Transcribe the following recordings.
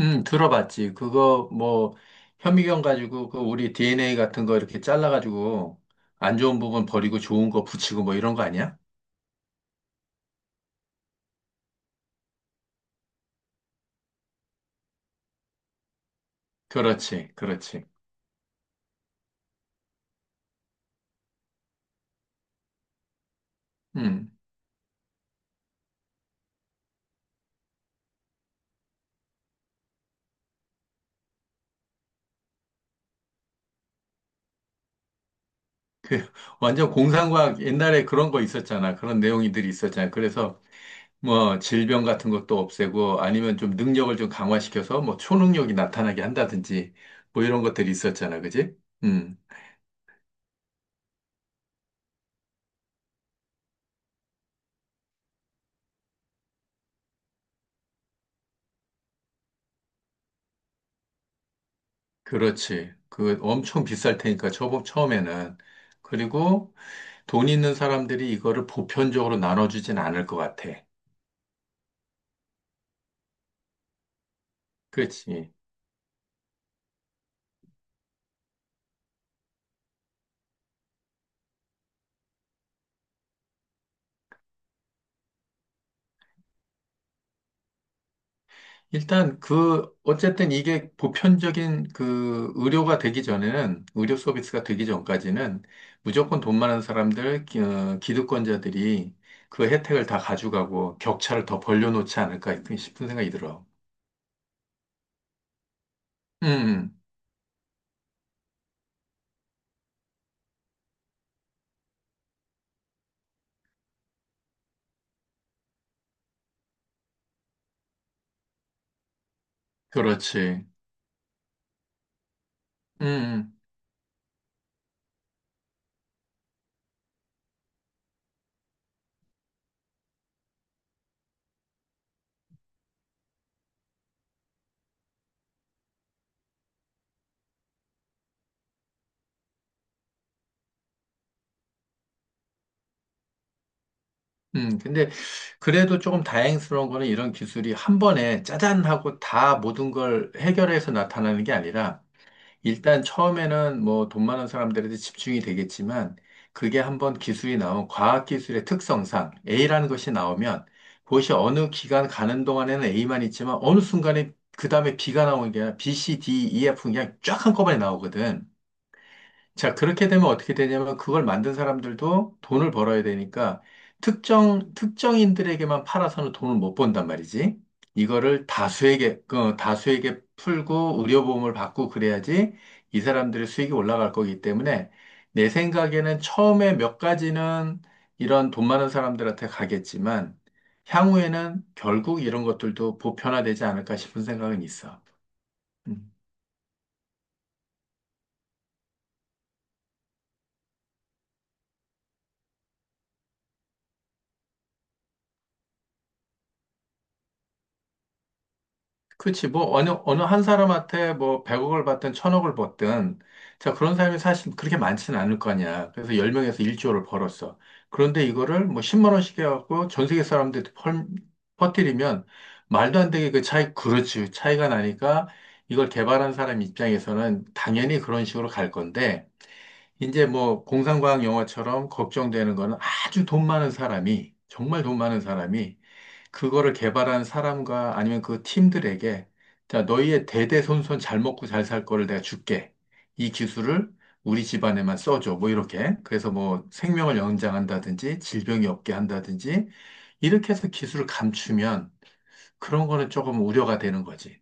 들어봤지. 그거 뭐 현미경 가지고 그 우리 DNA 같은 거 이렇게 잘라가지고 안 좋은 부분 버리고 좋은 거 붙이고 뭐 이런 거 아니야? 그렇지, 그렇지. 음, 그 완전 공상과학 옛날에 그런 거 있었잖아. 그런 내용들이 있었잖아. 그래서 뭐 질병 같은 것도 없애고 아니면 좀 능력을 좀 강화시켜서 뭐 초능력이 나타나게 한다든지 뭐 이런 것들이 있었잖아. 그지? 음, 그렇지. 그 엄청 비쌀 테니까 처음에는. 그리고 돈 있는 사람들이 이거를 보편적으로 나눠주진 않을 것 같아. 그렇지. 일단 그, 어쨌든 이게 보편적인 그 의료가 되기 전에는, 의료 서비스가 되기 전까지는 무조건 돈 많은 사람들, 기득권자들이 그 혜택을 다 가져가고 격차를 더 벌려놓지 않을까 싶은 생각이 들어. 음, 음. 그렇지. 음, 음. 근데 그래도 조금 다행스러운 거는 이런 기술이 한 번에 짜잔 하고 다 모든 걸 해결해서 나타나는 게 아니라 일단 처음에는 뭐 돈 많은 사람들한테 집중이 되겠지만 그게 한번 기술이 나온 과학기술의 특성상 A라는 것이 나오면 그것이 어느 기간 가는 동안에는 A만 있지만 어느 순간에 그 다음에 B가 나오는 게 아니라 B, C, D, E, F 그냥 쫙 한꺼번에 나오거든. 자, 그렇게 되면 어떻게 되냐면 그걸 만든 사람들도 돈을 벌어야 되니까 특정인들에게만 팔아서는 돈을 못 번단 말이지. 이거를 다수에게, 그, 다수에게 풀고 의료보험을 받고 그래야지 이 사람들의 수익이 올라갈 거기 때문에 내 생각에는 처음에 몇 가지는 이런 돈 많은 사람들한테 가겠지만 향후에는 결국 이런 것들도 보편화되지 않을까 싶은 생각은 있어. 음. 그치, 뭐, 어느 한 사람한테 뭐, 100억을 받든 1000억을 받든, 자, 그런 사람이 사실 그렇게 많지는 않을 거 아니야. 그래서 10명에서 1조를 벌었어. 그런데 이거를 뭐, 10만 원씩 해갖고 전 세계 사람들한테 퍼뜨리면, 말도 안 되게 그 차이, 그렇지, 차이가 나니까, 이걸 개발한 사람 입장에서는 당연히 그런 식으로 갈 건데, 이제 뭐, 공상과학 영화처럼 걱정되는 거는 아주 돈 많은 사람이, 정말 돈 많은 사람이, 그거를 개발한 사람과 아니면 그 팀들에게 자, 너희의 대대손손 잘 먹고 잘 살 거를 내가 줄게. 이 기술을 우리 집안에만 써줘. 뭐 이렇게. 그래서 뭐 생명을 연장한다든지 질병이 없게 한다든지 이렇게 해서 기술을 감추면 그런 거는 조금 우려가 되는 거지.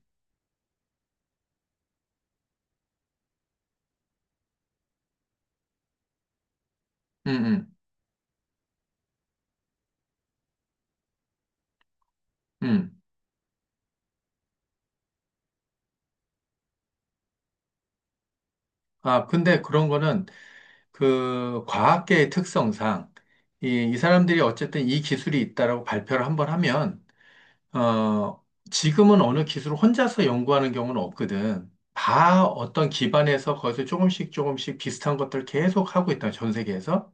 음, 음, 음. 아, 근데 그런 거는 그 과학계의 특성상 이 사람들이 어쨌든 이 기술이 있다라고 발표를 한번 하면 어, 지금은 어느 기술을 혼자서 연구하는 경우는 없거든. 다 어떤 기반에서 거기서 조금씩 조금씩 비슷한 것들을 계속 하고 있다, 전 세계에서.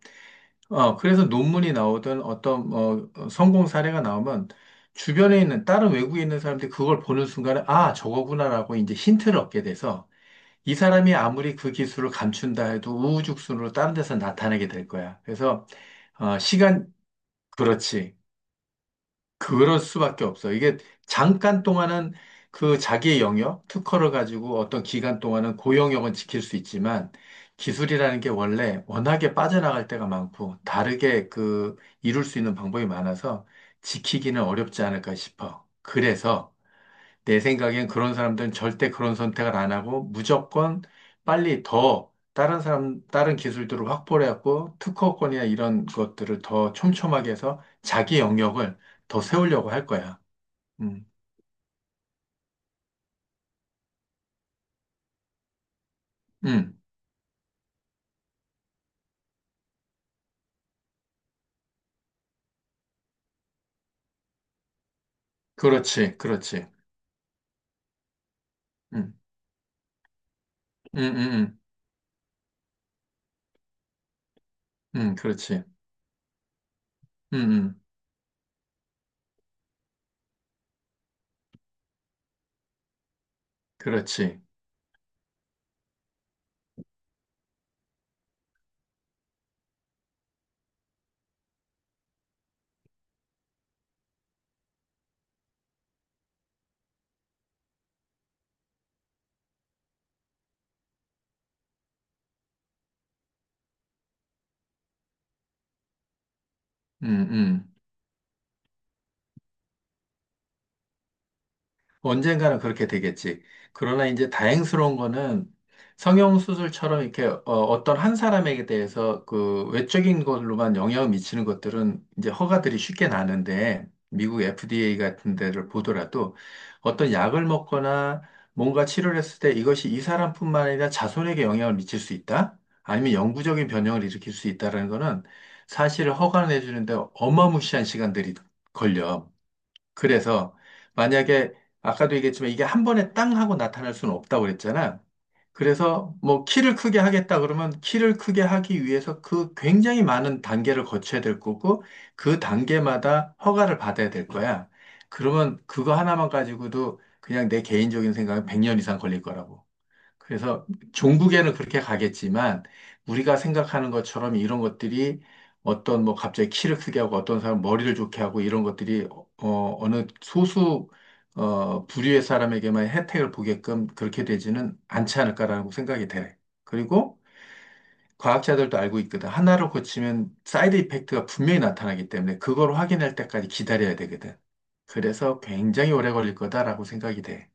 어, 그래서 논문이 나오든 어떤, 성공 사례가 나오면 주변에 있는, 다른 외국에 있는 사람들이 그걸 보는 순간에, 아, 저거구나라고 이제 힌트를 얻게 돼서 이 사람이 아무리 그 기술을 감춘다 해도 우후죽순으로 다른 데서 나타나게 될 거야. 그래서, 어, 시간, 그렇지. 그럴 수밖에 없어. 이게 잠깐 동안은 그 자기의 영역, 특허를 가지고 어떤 기간 동안은 고 영역은 지킬 수 있지만 기술이라는 게 원래 워낙에 빠져나갈 때가 많고 다르게 그 이룰 수 있는 방법이 많아서 지키기는 어렵지 않을까 싶어. 그래서 내 생각엔 그런 사람들은 절대 그런 선택을 안 하고 무조건 빨리 더 다른 사람, 다른 기술들을 확보를 해갖고 특허권이나 이런 것들을 더 촘촘하게 해서 자기 영역을 더 세우려고 할 거야. 음, 음, 그렇지, 그렇지. 음, 음, 음, 음, 그렇지. 음, 음, 그렇지. 음, 음. 언젠가는 그렇게 되겠지. 그러나 이제 다행스러운 거는 성형수술처럼 이렇게 어, 어떤 한 사람에게 대해서 그 외적인 걸로만 영향을 미치는 것들은 이제 허가들이 쉽게 나는데 미국 FDA 같은 데를 보더라도 어떤 약을 먹거나 뭔가 치료를 했을 때 이것이 이 사람뿐만 아니라 자손에게 영향을 미칠 수 있다? 아니면 영구적인 변형을 일으킬 수 있다라는 거는 사실 허가를 내주는데 어마무시한 시간들이 걸려. 그래서 만약에 아까도 얘기했지만 이게 한 번에 땅 하고 나타날 수는 없다고 그랬잖아. 그래서 뭐 키를 크게 하겠다 그러면 키를 크게 하기 위해서 그 굉장히 많은 단계를 거쳐야 될 거고 그 단계마다 허가를 받아야 될 거야. 그러면 그거 하나만 가지고도 그냥 내 개인적인 생각은 100년 이상 걸릴 거라고. 그래서 종국에는 그렇게 가겠지만 우리가 생각하는 것처럼 이런 것들이 어떤 뭐 갑자기 키를 크게 하고 어떤 사람 머리를 좋게 하고 이런 것들이 어느 소수 어 부류의 사람에게만 혜택을 보게끔 그렇게 되지는 않지 않을까라고 생각이 돼. 그리고 과학자들도 알고 있거든. 하나를 고치면 사이드 이펙트가 분명히 나타나기 때문에 그걸 확인할 때까지 기다려야 되거든. 그래서 굉장히 오래 걸릴 거다라고 생각이 돼.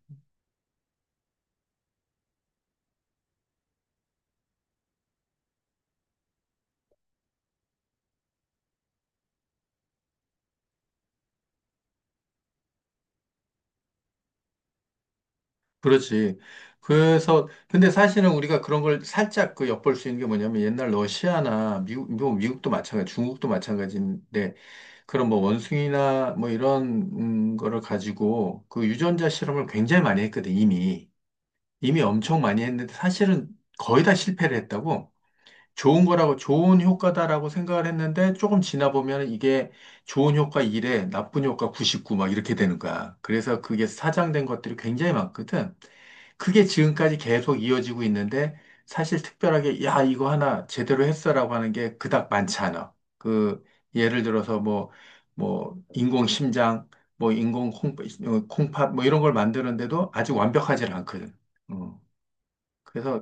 그렇지. 근데 사실은 우리가 그런 걸 살짝 그 엿볼 수 있는 게 뭐냐면 옛날 러시아나 미국, 뭐 미국도 마찬가지, 중국도 마찬가지인데 그런 뭐 원숭이나 뭐 이런 거를 가지고 그 유전자 실험을 굉장히 많이 했거든, 이미. 이미 엄청 많이 했는데 사실은 거의 다 실패를 했다고. 좋은 거라고, 좋은 효과다라고 생각을 했는데 조금 지나 보면 이게 좋은 효과 1에 나쁜 효과 99 막 이렇게 되는 거야. 그래서 그게 사장된 것들이 굉장히 많거든. 그게 지금까지 계속 이어지고 있는데 사실 특별하게 야, 이거 하나 제대로 했어라고 하는 게 그닥 많지 않아. 그 예를 들어서 뭐, 인공 심장, 뭐, 인공 콩, 어, 콩팥 뭐 이런 걸 만드는데도 아직 완벽하지 않거든. 어, 그래서,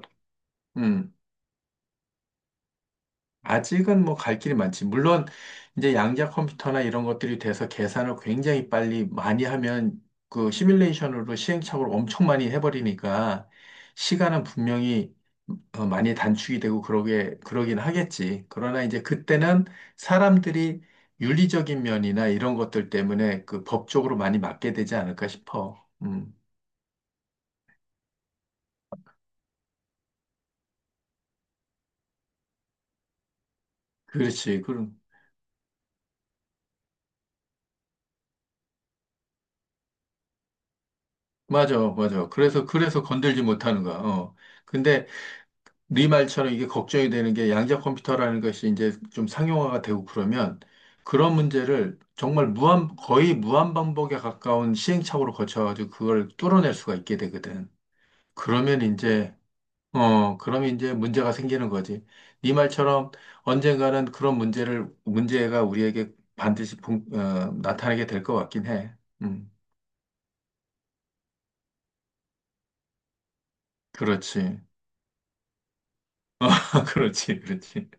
음. 아직은 뭐 갈 길이 많지. 물론 이제 양자 컴퓨터나 이런 것들이 돼서 계산을 굉장히 빨리 많이 하면 그 시뮬레이션으로 시행착오를 엄청 많이 해버리니까 시간은 분명히 어, 많이 단축이 되고 그러게 그러긴 하겠지. 그러나 이제 그때는 사람들이 윤리적인 면이나 이런 것들 때문에 그 법적으로 많이 맞게 되지 않을까 싶어. 그렇지. 그럼 맞아, 맞아. 그래서 그래서 건들지 못하는 거야. 어. 근데 네 말처럼 이게 걱정이 되는 게 양자 컴퓨터라는 것이 이제 좀 상용화가 되고 그러면 그런 문제를 정말 무한, 거의 무한 반복에 가까운 시행착오를 거쳐가지고 그걸 뚫어낼 수가 있게 되거든. 그러면 이제, 어, 그러면 이제 문제가 생기는 거지. 네 말처럼 언젠가는 그런 문제가 우리에게 반드시 나타나게 될 것 같긴 해. 음, 그렇지. 그렇지, 그렇지.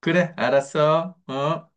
그래, 알았어. 어?